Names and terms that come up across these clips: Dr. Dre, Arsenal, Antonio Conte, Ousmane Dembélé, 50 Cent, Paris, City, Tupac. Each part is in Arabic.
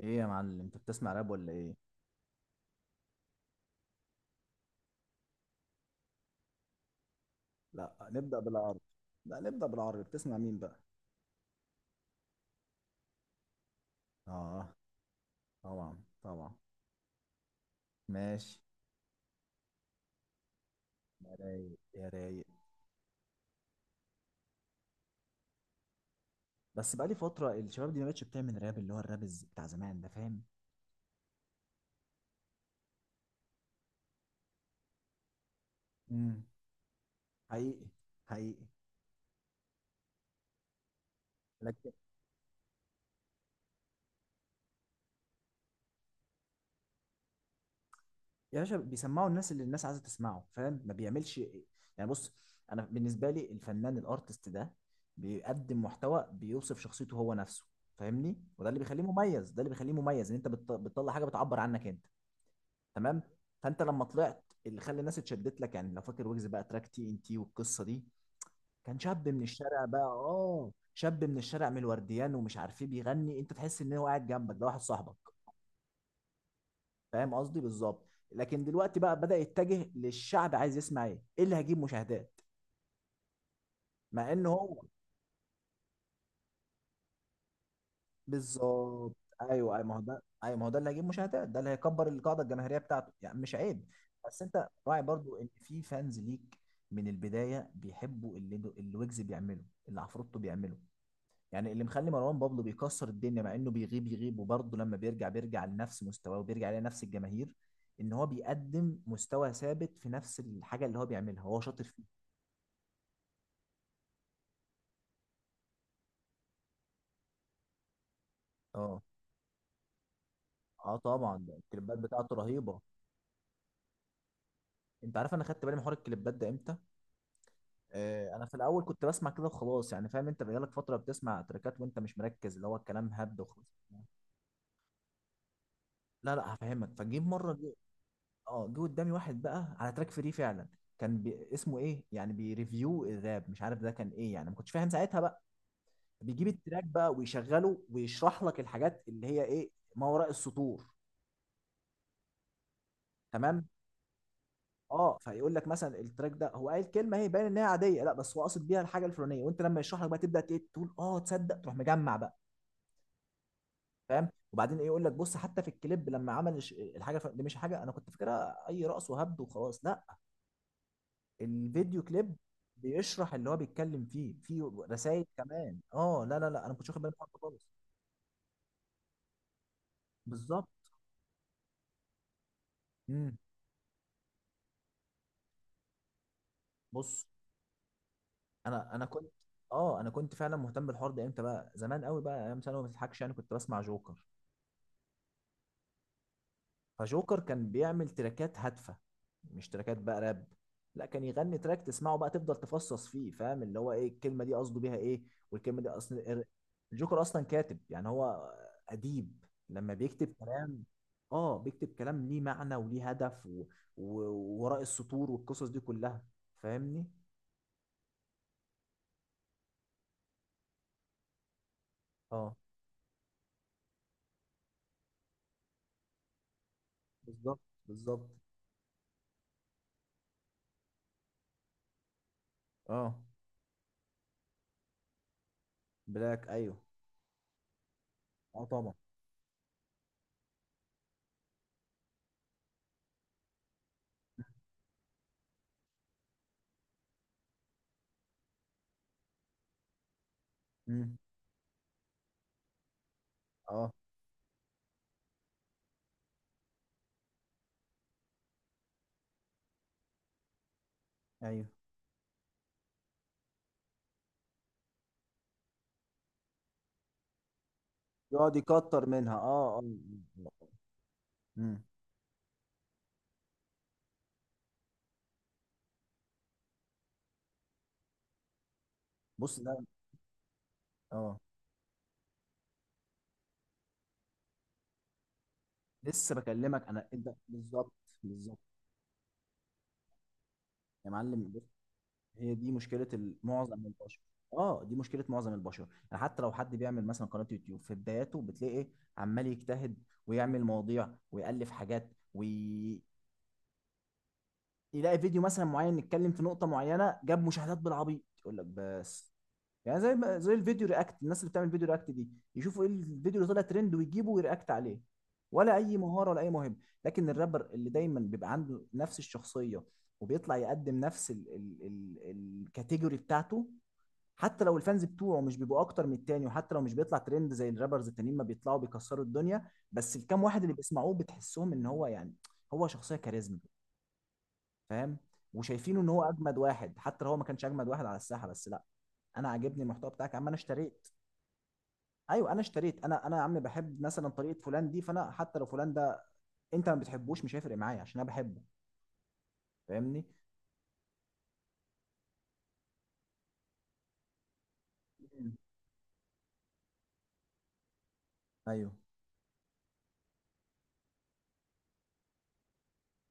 ايه يا معلم، انت بتسمع راب ولا ايه؟ لا نبدأ بالعرض. لا نبدأ بالعرض، بتسمع مين بقى؟ اه، طبعا طبعا. ماشي. يا رايق يا رايق. بس بقالي فترة الشباب دي ما بقتش بتعمل راب اللي هو الراب بتاع زمان ده، فاهم؟ امم. حقيقي. حقيقي. لكن. يا باشا، بيسمعوا الناس اللي الناس عايزة تسمعه، فاهم؟ ما بيعملش إيه. يعني بص، انا بالنسبة لي الفنان الارتست ده بيقدم محتوى بيوصف شخصيته هو نفسه، فاهمني؟ وده اللي بيخليه مميز، ده اللي بيخليه مميز ان انت بتطلع حاجة بتعبر عنك انت. تمام. فانت لما طلعت، اللي خلى الناس اتشدت لك يعني، لو فاكر ويجز بقى تراك TNT والقصه دي، كان شاب من الشارع بقى. اه شاب من الشارع، من الورديان ومش عارف ايه، بيغني انت تحس ان هو قاعد جنبك، ده واحد صاحبك. فاهم قصدي بالظبط. لكن دلوقتي بقى بدأ يتجه للشعب، عايز يسمع ايه اللي هيجيب مشاهدات، مع ان هو. بالظبط. ايوه ايوه، ما هو ده، ايوه ما هو ده اللي هيجيب مشاهدات، ده اللي هيكبر القاعده الجماهيريه بتاعته، يعني مش عيب. بس انت راعي برضو ان في فانز ليك من البدايه بيحبوا اللي ويجز بيعمله، اللي عفروتو بيعمله. يعني اللي مخلي مروان بابلو بيكسر الدنيا، مع انه بيغيب يغيب وبرضه لما بيرجع بيرجع لنفس مستواه وبيرجع لنفس الجماهير، ان هو بيقدم مستوى ثابت في نفس الحاجه اللي هو بيعملها، هو شاطر فيها. اه. اه طبعا، ده الكليبات بتاعته رهيبه. انت عارف انا خدت بالي من حوار الكليبات ده امتى؟ انا في الاول كنت بسمع كده وخلاص، يعني فاهم، انت بقالك فتره بتسمع تراكات وانت مش مركز، اللي هو الكلام هبد وخلاص. لا لا، هفهمك. فجيب مره جه. اه، جه قدامي واحد بقى على تراك فري فعلا، اسمه ايه يعني، بيريفيو الراب، مش عارف ده كان ايه يعني، ما كنتش فاهم ساعتها بقى. بيجيب التراك بقى ويشغله ويشرح لك الحاجات اللي هي ايه، ما وراء السطور. تمام. اه، فيقول لك مثلا التراك ده، هو قال كلمه هي باين ان هي عاديه، لا بس هو قاصد بيها الحاجه الفلانيه، وانت لما يشرح لك بقى تبدا تقول اه تصدق، تروح مجمع بقى. فاهم؟ وبعدين ايه، يقول لك بص حتى في الكليب لما عمل الحاجه دي، مش حاجه انا كنت فاكرها اي رقص وهبد وخلاص، لا. الفيديو كليب بيشرح اللي هو بيتكلم فيه، فيه رسائل كمان. اه لا لا لا، انا ما كنتش واخد بالي من الحوار ده خالص. بالظبط. امم. بص، انا كنت. اه، انا كنت فعلا مهتم بالحوار ده امتى بقى؟ زمان قوي بقى، ايام ثانوي، ما تضحكش، يعني كنت بسمع جوكر. فجوكر كان بيعمل تراكات هادفه، مش تراكات بقى راب، لا، كان يغني تراك تسمعه بقى تفضل تفصص فيه، فاهم؟ اللي هو ايه الكلمه دي، قصده بيها ايه، والكلمه دي اصلا. الجوكر اصلا كاتب، يعني هو اديب، لما بيكتب كلام. اه، بيكتب كلام ليه معنى وليه هدف و... وراء السطور والقصص دي كلها، فاهمني؟ اه، بالظبط بالظبط. اه، بلاك ايوه. اه طبعا. امم. اه ايوه، يقعد يكتر منها. اه. اه. آه. امم. بص ده. اه، لسه بكلمك انا، انت بالظبط. بالظبط. يا معلم بص، هي دي مشكله معظم البشر. اه، دي مشكله معظم البشر. يعني حتى لو حد بيعمل مثلا قناه يوتيوب في بداياته، بتلاقي عمال يجتهد ويعمل مواضيع ويالف حاجات، ويلاقي فيديو مثلا معين يتكلم في نقطه معينه جاب مشاهدات بالعبيط، يقول لك بس. يعني زي ما زي الفيديو رياكت، الناس اللي بتعمل فيديو رياكت دي يشوفوا ايه الفيديو اللي طلع ترند ويجيبوا ويرياكت عليه، ولا اي مهاره ولا اي موهبه. لكن الرابر اللي دايما بيبقى عنده نفس الشخصيه وبيطلع يقدم نفس ال الكاتيجوري بتاعته، حتى لو الفانز بتوعه مش بيبقوا اكتر من التاني، وحتى لو مش بيطلع ترند زي الرابرز التانيين ما بيطلعوا بيكسروا الدنيا، بس الكام واحد اللي بيسمعوه بتحسهم ان هو يعني، هو شخصيه كاريزما، فاهم؟ وشايفينه ان هو اجمد واحد حتى لو هو ما كانش اجمد واحد على الساحه، بس لا، انا عاجبني المحتوى بتاعك يا عم، انا اشتريت. ايوه انا اشتريت. انا يا عم بحب مثلا طريقه فلان دي، فانا حتى لو فلان ده انت ما بتحبوش، مش هيفرق معايا عشان انا بحبه، فاهمني؟ مم. ايوه.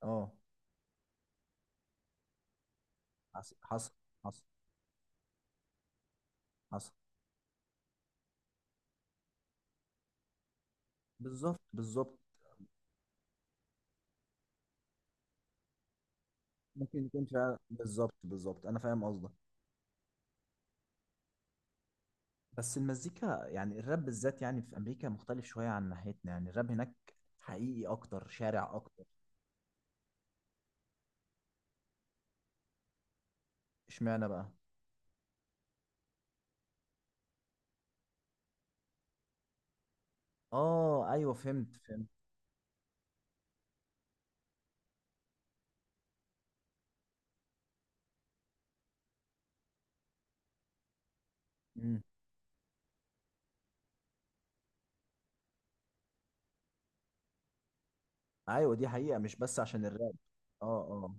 اه، حصل حصل. حصل حصل. بالظبط بالظبط. ممكن يكون فعلا، بالظبط بالظبط، انا فاهم قصدك. بس المزيكا، يعني الراب بالذات يعني، في امريكا مختلف شويه عن ناحيتنا، يعني الراب هناك حقيقي اكتر، شارع اكتر. اشمعنى بقى؟ اه ايوه، فهمت فهمت. مم. ايوه، دي حقيقه مش بس عشان الراب. اه. اه.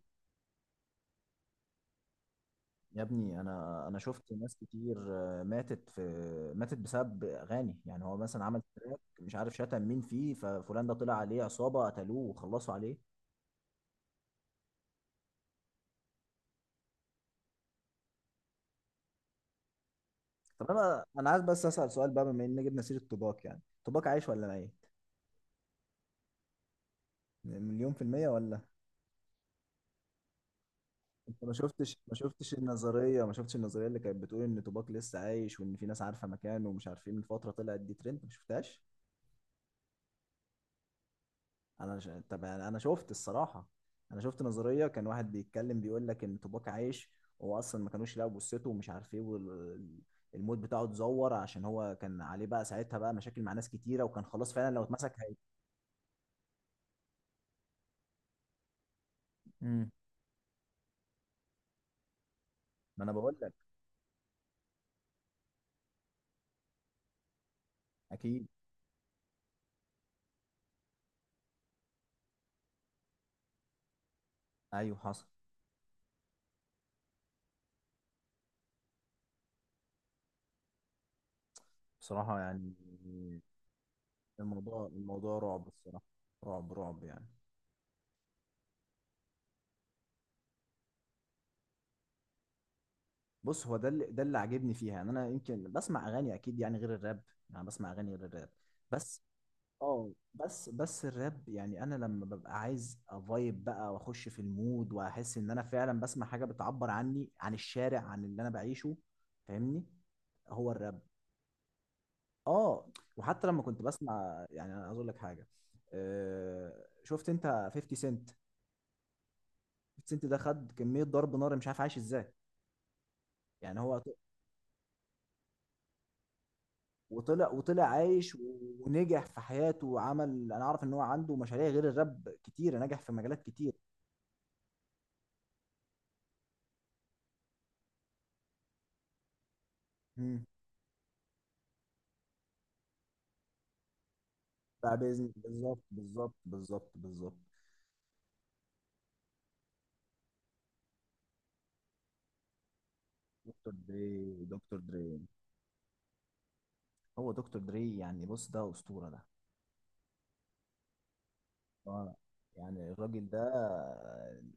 يا ابني، انا شفت ناس كتير ماتت، في ماتت بسبب اغاني، يعني هو مثلا عمل تراك مش عارف شتم مين فيه، ففلان ده طلع عليه عصابه قتلوه وخلصوا عليه. طب انا عايز بس اسال سؤال بقى، بما ان جبنا سيره توباك، يعني توباك عايش ولا ميت؟ مليون في المية ولا؟ انت ما شفتش، ما شفتش النظرية، ما شفتش النظرية اللي كانت بتقول ان توباك لسه عايش وان في ناس عارفة مكانه ومش عارفين، من فترة طلعت دي ترند، ما شفتهاش؟ طب انا، أنا شفت الصراحه، انا شفت نظريه، كان واحد بيتكلم بيقول لك ان توباك عايش، هو اصلا ما كانوش يلاقوا جثته ومش عارف ايه، والموت بتاعه اتزور عشان هو كان عليه بقى ساعتها بقى مشاكل مع ناس كتيره، وكان خلاص فعلا لو اتمسك هي... امم. ما انا بقول لك. اكيد. ايوه حصل. بصراحه يعني، الموضوع رعب الصراحه. رعب رعب يعني. بص، هو ده اللي عاجبني فيها، يعني انا يمكن بسمع اغاني اكيد يعني غير الراب، يعني بسمع اغاني غير الراب، بس. اه بس، بس الراب يعني، انا لما ببقى عايز افايب بقى واخش في المود، واحس ان انا فعلا بسمع حاجه بتعبر عني، عن الشارع، عن اللي انا بعيشه، فاهمني؟ هو الراب. اه. وحتى لما كنت بسمع، يعني انا عايز اقول لك حاجه، آه، شفت انت 50 سنت؟ 50 سنت ده خد كميه ضرب نار، مش عارف عايش ازاي، يعني هو ط- وطلع، وطلع عايش ونجح في حياته، وعمل، انا اعرف ان هو عنده مشاريع غير الراب كتير، نجح في مجالات كتير. مم. بتاع بيزنس، بالظبط بالظبط بالظبط بالظبط. دكتور دري. دكتور دري. هو دكتور دري يعني، بص ده أسطورة ده. اه. يعني الراجل ده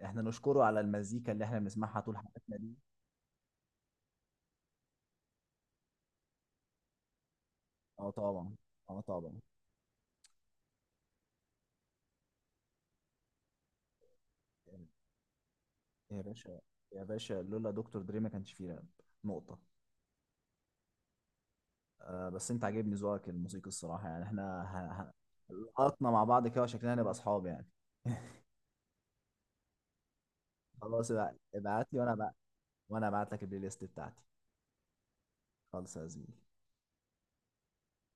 احنا نشكره على المزيكا اللي احنا بنسمعها طول حياتنا دي. اه طبعا. اه طبعا. يا باشا. يا باشا، لولا دكتور دري ما كانش فيه راب، نقطة. آه، بس انت عاجبني ذوقك الموسيقي الصراحة، يعني احنا لقطنا مع بعض كده، وشكلنا هنبقى اصحاب يعني. خلاص، ابعت لي وانا بقى، وانا ابعت لك البلاي ليست بتاعتي، خالص يا زميلي.